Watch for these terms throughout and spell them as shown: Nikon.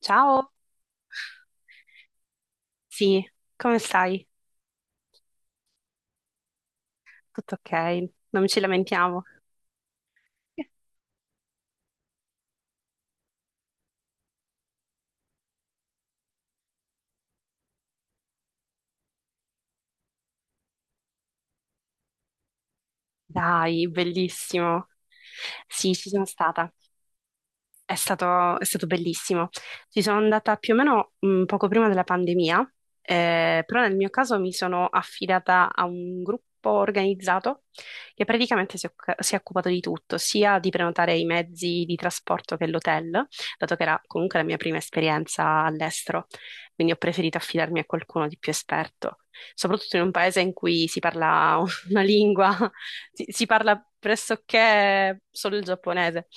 Ciao, sì, come stai? Tutto ok, non ci lamentiamo. Eh, Dai, bellissimo. Sì, ci sono stata. È stato bellissimo. Ci sono andata più o meno poco prima della pandemia, però nel mio caso mi sono affidata a un gruppo organizzato che praticamente si è occupato di tutto, sia di prenotare i mezzi di trasporto che l'hotel, dato che era comunque la mia prima esperienza all'estero, quindi ho preferito affidarmi a qualcuno di più esperto, soprattutto in un paese in cui si parla una lingua, si parla pressoché solo il giapponese.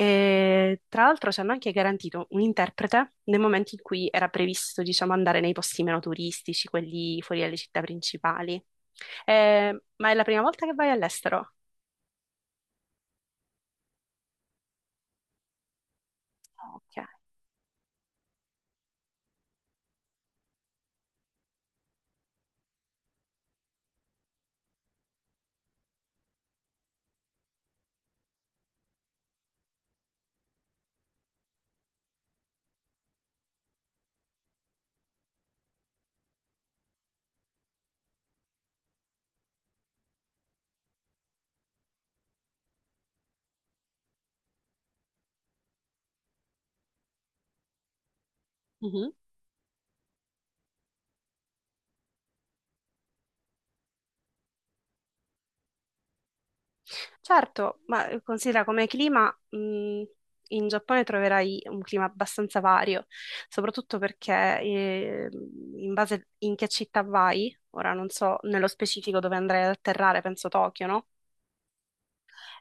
E tra l'altro ci hanno anche garantito un interprete nel momento in cui era previsto, diciamo, andare nei posti meno turistici, quelli fuori dalle città principali. Ma è la prima volta che vai all'estero? Ok. Mhm. Certo, ma considera come clima, in Giappone troverai un clima abbastanza vario, soprattutto perché in base in che città vai, ora non so nello specifico dove andrai ad atterrare, penso Tokyo, no?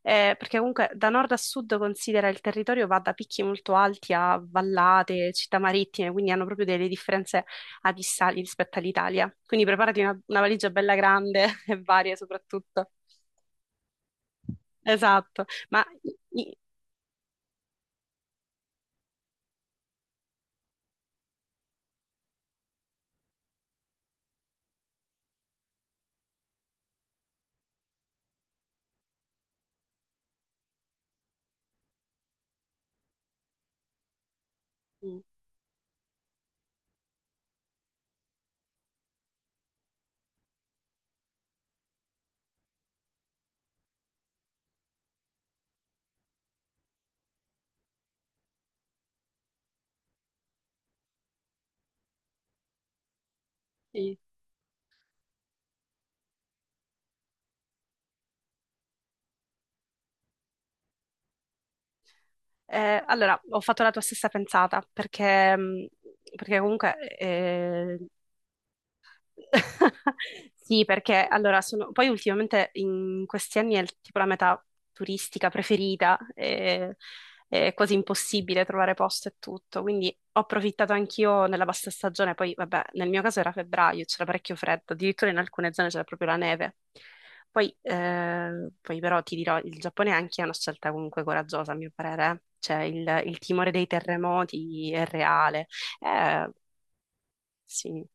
Perché comunque da nord a sud considera il territorio va da picchi molto alti a vallate, città marittime, quindi hanno proprio delle differenze abissali rispetto all'Italia. Quindi preparati una valigia bella grande e varie soprattutto. Esatto, ma i- i- sì. Allora ho fatto la tua stessa pensata perché comunque sì, perché allora sono... Poi ultimamente in questi anni tipo la meta turistica preferita, è quasi impossibile trovare posto e tutto, quindi ho approfittato anch'io nella bassa stagione, poi vabbè, nel mio caso era febbraio, c'era parecchio freddo, addirittura in alcune zone c'era proprio la neve. Poi, poi però ti dirò, il Giappone anche è una scelta comunque coraggiosa, a mio parere, eh. Cioè il timore dei terremoti è reale. Eh, sì.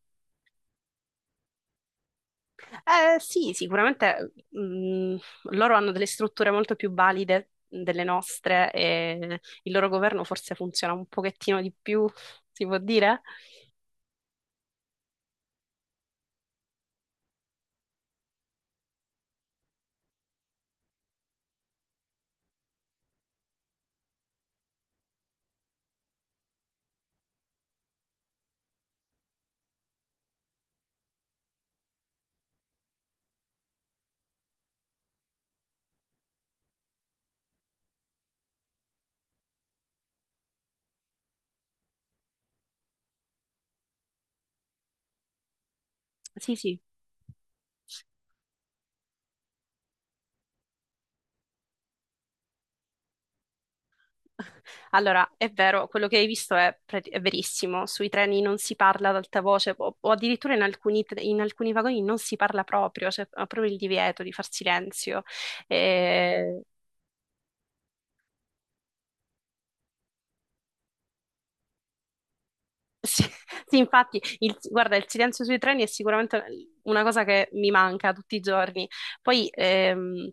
Sì, sicuramente loro hanno delle strutture molto più valide delle nostre e il loro governo forse funziona un pochettino di più, si può dire? Sì, sì. Allora, è vero, quello che hai visto è verissimo. Sui treni non si parla ad alta voce o addirittura in alcuni vagoni non si parla proprio, c'è proprio il divieto di far silenzio. Eh, Sì, sì, infatti, guarda, il silenzio sui treni è sicuramente una cosa che mi manca tutti i giorni. Poi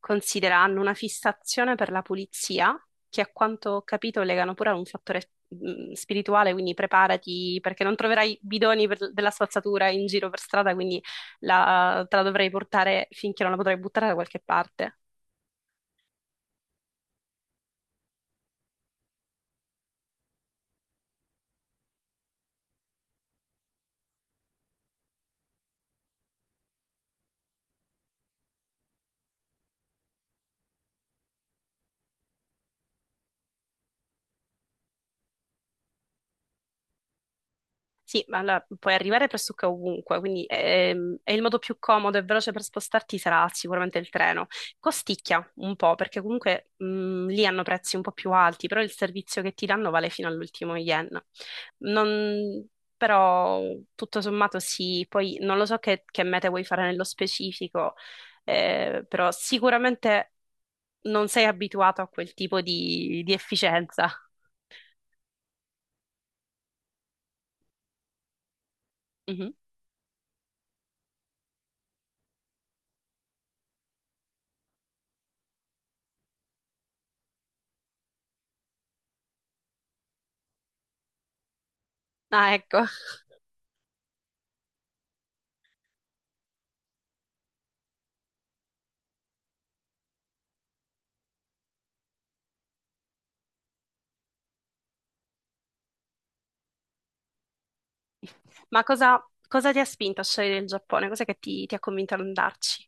considera, hanno una fissazione per la pulizia, che a quanto ho capito legano pure a un fattore spirituale, quindi preparati perché non troverai della spazzatura in giro per strada, quindi te la dovrei portare finché non la potrai buttare da qualche parte. Sì, ma allora puoi arrivare pressoché ovunque, quindi è il modo più comodo e veloce per spostarti sarà sicuramente il treno. Costicchia un po', perché comunque lì hanno prezzi un po' più alti, però il servizio che ti danno vale fino all'ultimo yen. Non- però tutto sommato sì, poi non lo so che mete vuoi fare nello specifico, però sicuramente non sei abituato a quel tipo di efficienza. Mhm. Ah, ecco. Ma cosa ti ha spinto a scegliere il Giappone? Cos'è che ti ha convinto ad andarci?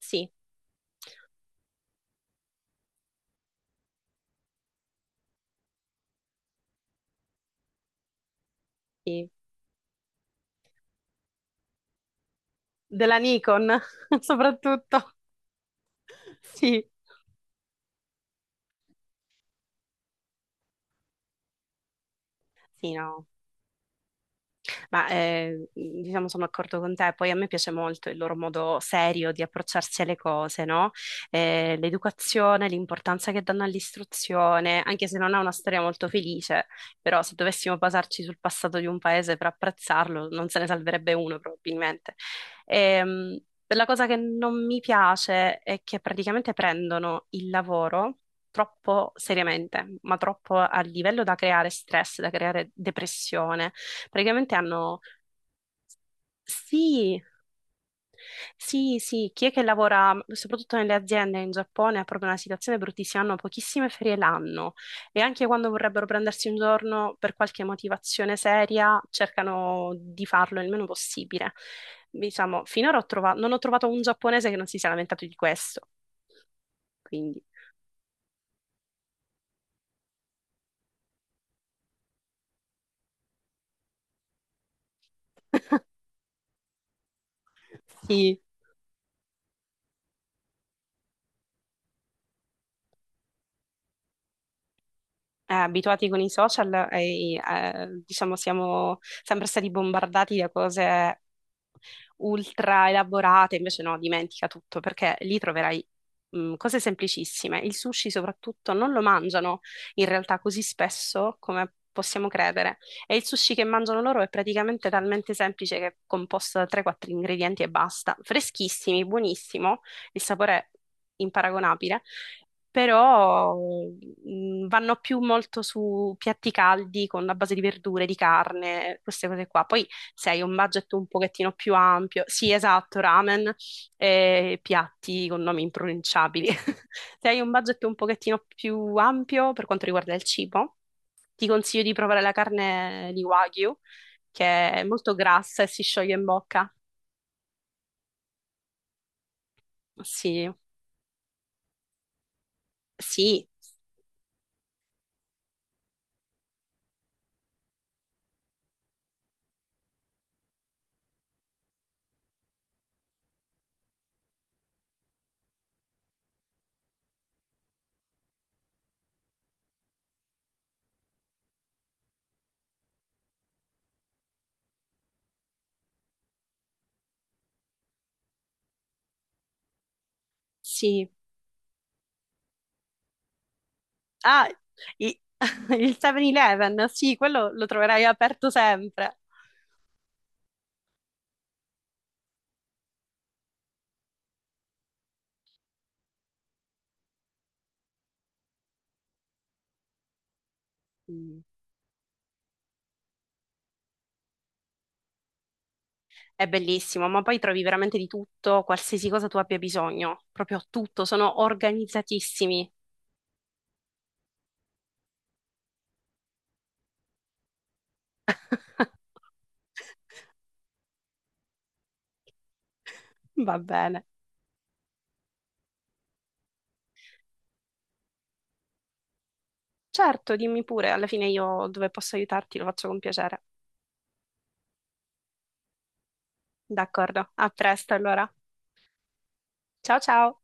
Sì, sì. Della Nikon, soprattutto. Sì, sì, no. Ma diciamo sono d'accordo con te, poi a me piace molto il loro modo serio di approcciarsi alle cose, no? L'educazione, l'importanza che danno all'istruzione, anche se non è una storia molto felice, però se dovessimo basarci sul passato di un paese per apprezzarlo, non se ne salverebbe uno probabilmente. Ehm, la cosa che non mi piace è che praticamente prendono il lavoro troppo seriamente, ma troppo a livello da creare stress, da creare depressione. Praticamente hanno... Sì, sì, sì, chi è che lavora soprattutto nelle aziende in Giappone ha proprio una situazione bruttissima, hanno pochissime ferie l'anno e anche quando vorrebbero prendersi un giorno per qualche motivazione seria cercano di farlo il meno possibile. Diciamo, finora non ho trovato un giapponese che non si sia lamentato di questo, quindi sì, abituati con i social diciamo siamo sempre stati bombardati da cose ultra elaborate, invece no, dimentica tutto perché lì troverai cose semplicissime. Il sushi soprattutto non lo mangiano in realtà così spesso come possiamo credere e il sushi che mangiano loro è praticamente talmente semplice che è composto da 3-4 ingredienti e basta. Freschissimi, buonissimo, il sapore è imparagonabile però vanno più molto su piatti caldi con la base di verdure, di carne, queste cose qua. Poi se hai un budget un pochettino più ampio, sì, esatto, ramen e piatti con nomi impronunciabili. Se hai un budget un pochettino più ampio per quanto riguarda il cibo, ti consiglio di provare la carne di Wagyu, che è molto grassa e si scioglie in bocca. Sì, sì, sì. Ah, i- il 7-Eleven, sì, quello lo troverai aperto sempre. Mm. È bellissimo, ma poi trovi veramente di tutto, qualsiasi cosa tu abbia bisogno, proprio tutto, sono organizzatissimi. Va bene. Certo, dimmi pure, alla fine io dove posso aiutarti lo faccio con piacere. D'accordo, a presto allora. Ciao ciao!